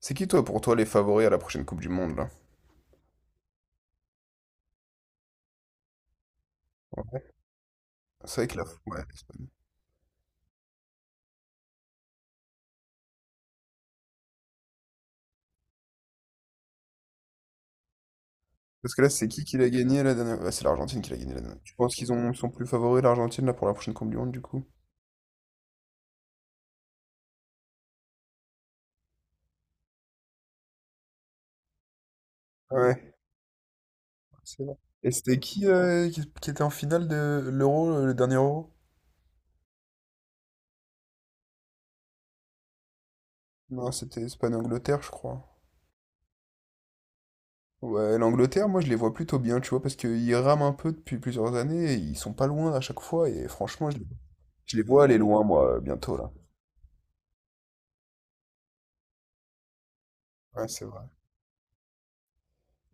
C'est qui, toi, pour toi, les favoris à la prochaine Coupe du Monde, là? Ouais. C'est vrai que la... Ouais, l'Espagne. Parce que là, c'est qui l'a gagné la dernière... Ouais, c'est l'Argentine qui l'a gagné la dernière. Tu penses qu'ils ont... ils sont plus favoris, l'Argentine, là, pour la prochaine Coupe du Monde, du coup? Ouais, c'est vrai. Et c'était qui, qui était en finale de l'Euro, le dernier Euro? Non, c'était Espagne-Angleterre, je crois. Ouais, l'Angleterre, moi, je les vois plutôt bien, tu vois, parce qu'ils rament un peu depuis plusieurs années, et ils sont pas loin à chaque fois, et franchement, je les vois aller loin, moi, bientôt, là. Ouais, c'est vrai.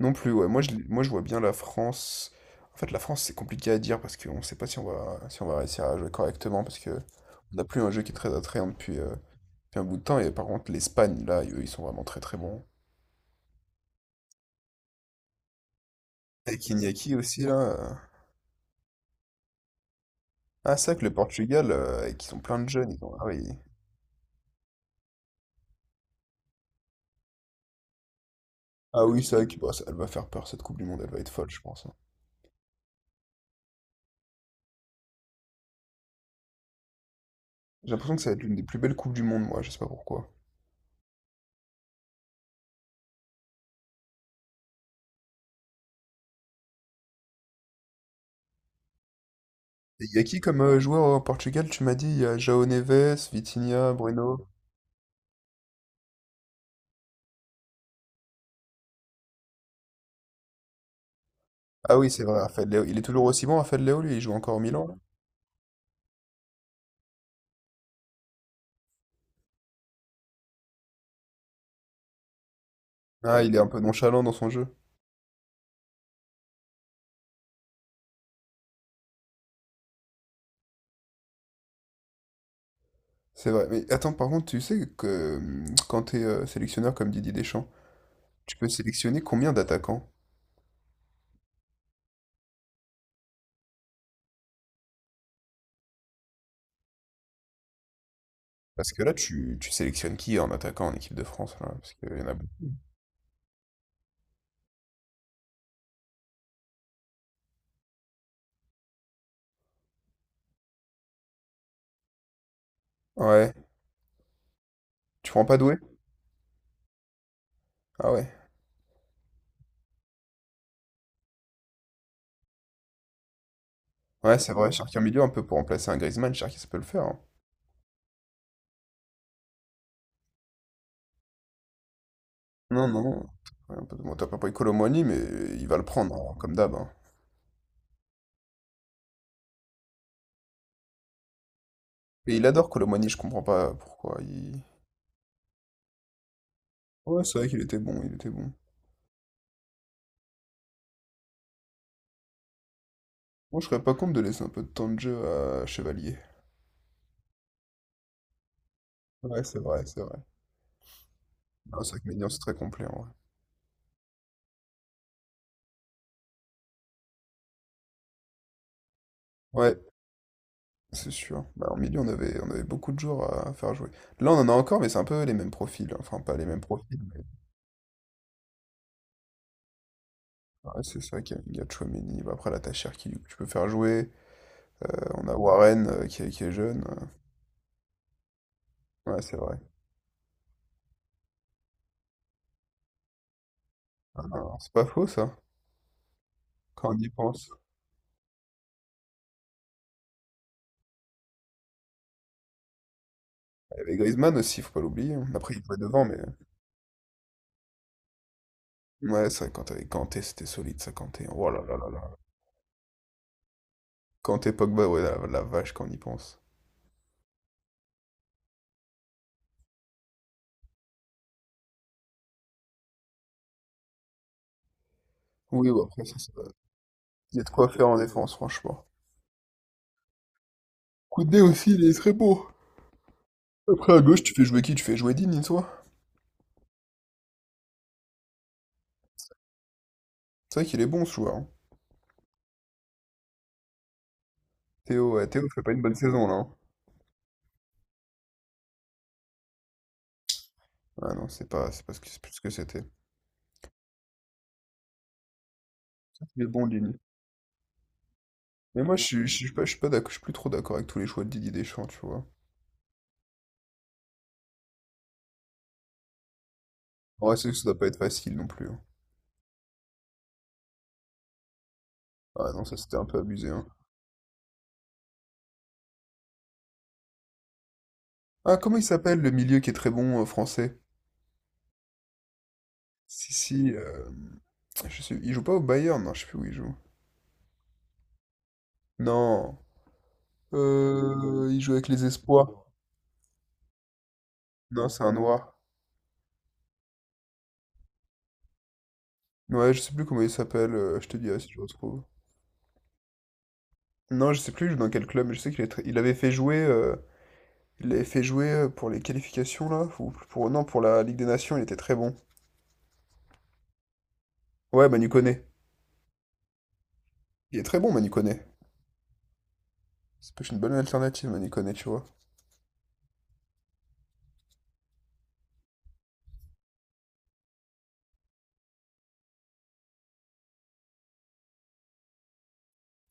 Non plus, ouais. Moi, je vois bien la France. En fait, la France, c'est compliqué à dire parce qu'on ne sait pas si on va réussir à jouer correctement parce que on n'a plus un jeu qui est très attrayant depuis, depuis un bout de temps. Et par contre, l'Espagne, là, eux, ils sont vraiment très très bons. Avec Iñaki aussi, là. Ah, c'est vrai que le Portugal, ils ont plein de jeunes. Ils ont... Ah oui, ah, oui c'est vrai que, bah, elle va faire peur cette Coupe du Monde, elle va être folle, je pense, hein. J'ai l'impression que ça va être l'une des plus belles Coupes du Monde, moi, je sais pas pourquoi. Et il y a qui comme joueur au Portugal? Tu m'as dit, il y a João Neves, Vitinha, Bruno. Ah oui, c'est vrai, Raphaël Léo. Il est toujours aussi bon, Raphaël Léo, lui, il joue encore au Milan, là. Ah, il est un peu nonchalant dans son jeu. C'est vrai. Mais attends, par contre, tu sais que quand t'es es sélectionneur comme Didier Deschamps, tu peux sélectionner combien d'attaquants? Parce que là, tu sélectionnes qui en attaquant en équipe de France, là, parce qu'il y en a beaucoup. Ouais. Tu prends pas Doué? Ah ouais. Ouais, c'est vrai, Cherki en milieu, un peu pour remplacer un Griezmann, Cherki, ça peut le faire, hein. Non, non. Ouais, bon, t'as pas pris Kolo Muani, mais il va le prendre, hein, comme d'hab, hein. Et il adore Kolo Muani, je comprends pas pourquoi. Il... Ouais, c'est vrai qu'il était bon, il était bon. Moi, je serais pas contre de laisser un peu de temps de jeu à Chevalier. Ouais, c'est vrai, c'est vrai. Non, c'est vrai que Médian, c'est très complet, en vrai. Ouais, c'est sûr. Bah, en milieu, on avait beaucoup de joueurs à faire jouer. Là, on en a encore, mais c'est un peu les mêmes profils, hein. Enfin, pas les mêmes profils, mais... Ouais, c'est ça qu'il y a, il y a Tchouaméni. Bah, après, là, t'as Cherki, du tu peux faire jouer. Euh, on a Warren, qui est jeune. Ouais, c'est vrai. Ah, non, c'est pas faux, ça, quand on y pense. Il y avait Griezmann aussi, faut pas l'oublier, hein. Après, il jouait devant, mais... Ouais, c'est vrai, quand t'avais Kanté, c'était solide, ça, Kanté. Oh là là là là. Quand t'es Pogba, ouais, la vache, quand on y pense. Oui, bon, après, ça va. Il y a de quoi faire en défense, franchement. Koundé aussi, il est très beau. Après, à gauche, tu fais jouer qui? Tu fais jouer Digne, toi? C'est vrai qu'il est bon, ce joueur, hein. Théo, ouais, Théo fait pas une bonne saison, là, hein. Ah non, c'est pas ce que, c'est plus ce que c'était. Il est bon, Digne. Mais moi, je suis pas d'accord, je suis plus trop d'accord avec tous les choix de Didier Deschamps, tu vois. En vrai, c'est que ça doit pas être facile non plus, hein. Ah non, ça, c'était un peu abusé, hein. Ah, comment il s'appelle, le milieu qui est très bon, français? Si, si, je sais, il joue pas au Bayern, non, je sais plus où il joue. Non. Il joue avec les espoirs. Non, c'est un noir. Ouais, je sais plus comment il s'appelle. Je te dirai si je le retrouve. Non, je sais plus il joue dans quel club, mais je sais il avait fait jouer, il l'avait fait jouer pour les qualifications là, ou pour non pour la Ligue des Nations, il était très bon. Ouais, Manu Koné. Il est très bon, Manu Koné. C'est peut-être une bonne alternative, Manu Koné, tu vois.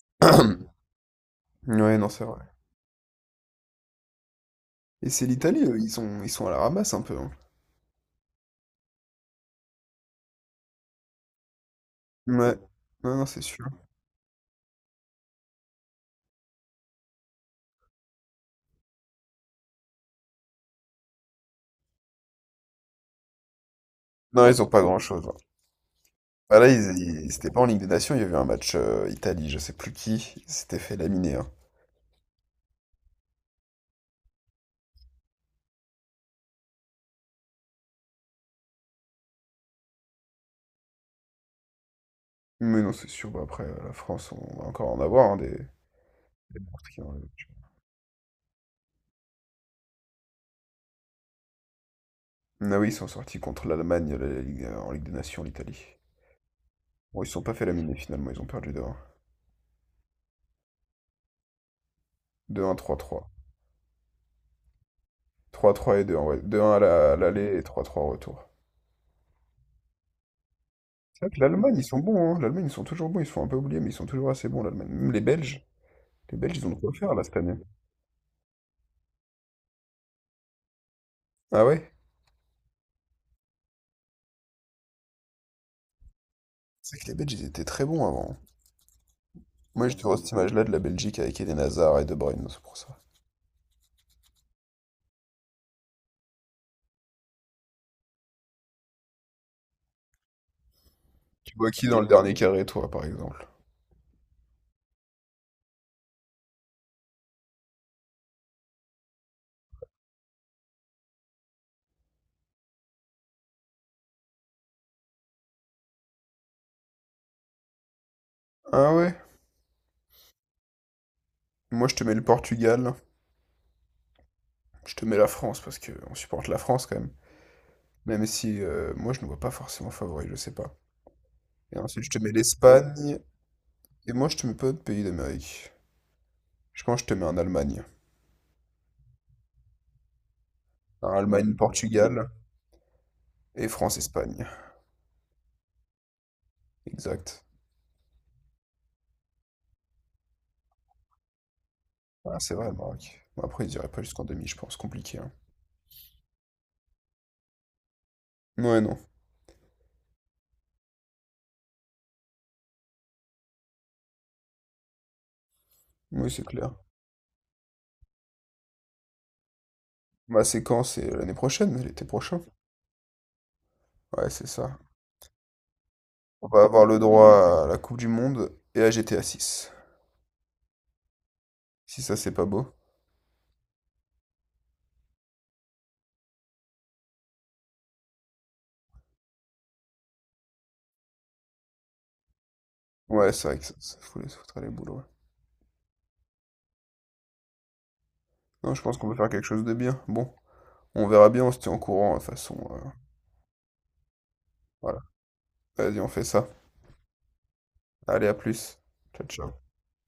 Ouais, non, c'est vrai. Et c'est l'Italie, eux, ils sont à la ramasse un peu, hein. Ouais. Non, non, c'est sûr. Non, ils ont pas grand-chose, hein. Bah là, c'était pas en Ligue des Nations, il y avait un match Italie, je sais plus qui, il s'était fait laminer, hein. Mais non, c'est sûr, bah après, la France, on va encore en avoir, hein, des... des morts qui ont- Ah oui, ils sont sortis contre l'Allemagne en Ligue des Nations, l'Italie. Bon, ils se sont pas fait laminer finalement, ils ont perdu deux, 1 2-1, trois, trois, trois 3 et deux 1 ouais. 2-1 à à l'aller et trois trois au retour. C'est vrai que l'Allemagne, ils sont bons, hein. L'Allemagne, ils sont toujours bons, ils se font un peu oublier, mais ils sont toujours assez bons, l'Allemagne. Même les Belges, ils ont de quoi faire là cette année. Ah ouais? C'est vrai que les Belges, ils étaient très bons avant. Moi, je te vois cette image-là de la Belgique avec Eden Hazard et De Bruyne, c'est pour ça. Tu vois qui dans le dernier carré, toi, par exemple? Ah ouais? Moi, je te mets le Portugal. Je te mets la France parce que on supporte la France quand même. Même si moi, je ne vois pas forcément favori, je sais pas. Et ensuite, je te mets l'Espagne. Et moi, je te mets pas de pays d'Amérique. Je pense que je te mets un Allemagne. Un Allemagne-Portugal et France-Espagne. Exact. Ah, c'est vrai, le Maroc. Bon, après, ils iraient pas jusqu'en demi, je pense. Compliqué, hein. Ouais, non. Oui, c'est clair. Ma séquence, c'est l'année prochaine, l'été prochain. Ouais, c'est ça. On va avoir le droit à la Coupe du Monde et à GTA 6. Si ça, c'est pas beau. Ouais, c'est vrai que ça, foutre les boules, ouais. Non, je pense qu'on peut faire quelque chose de bien. Bon, on verra bien, on se tient au courant, de toute façon. Voilà. Vas-y, on fait ça. Allez, à plus. Ciao, ciao.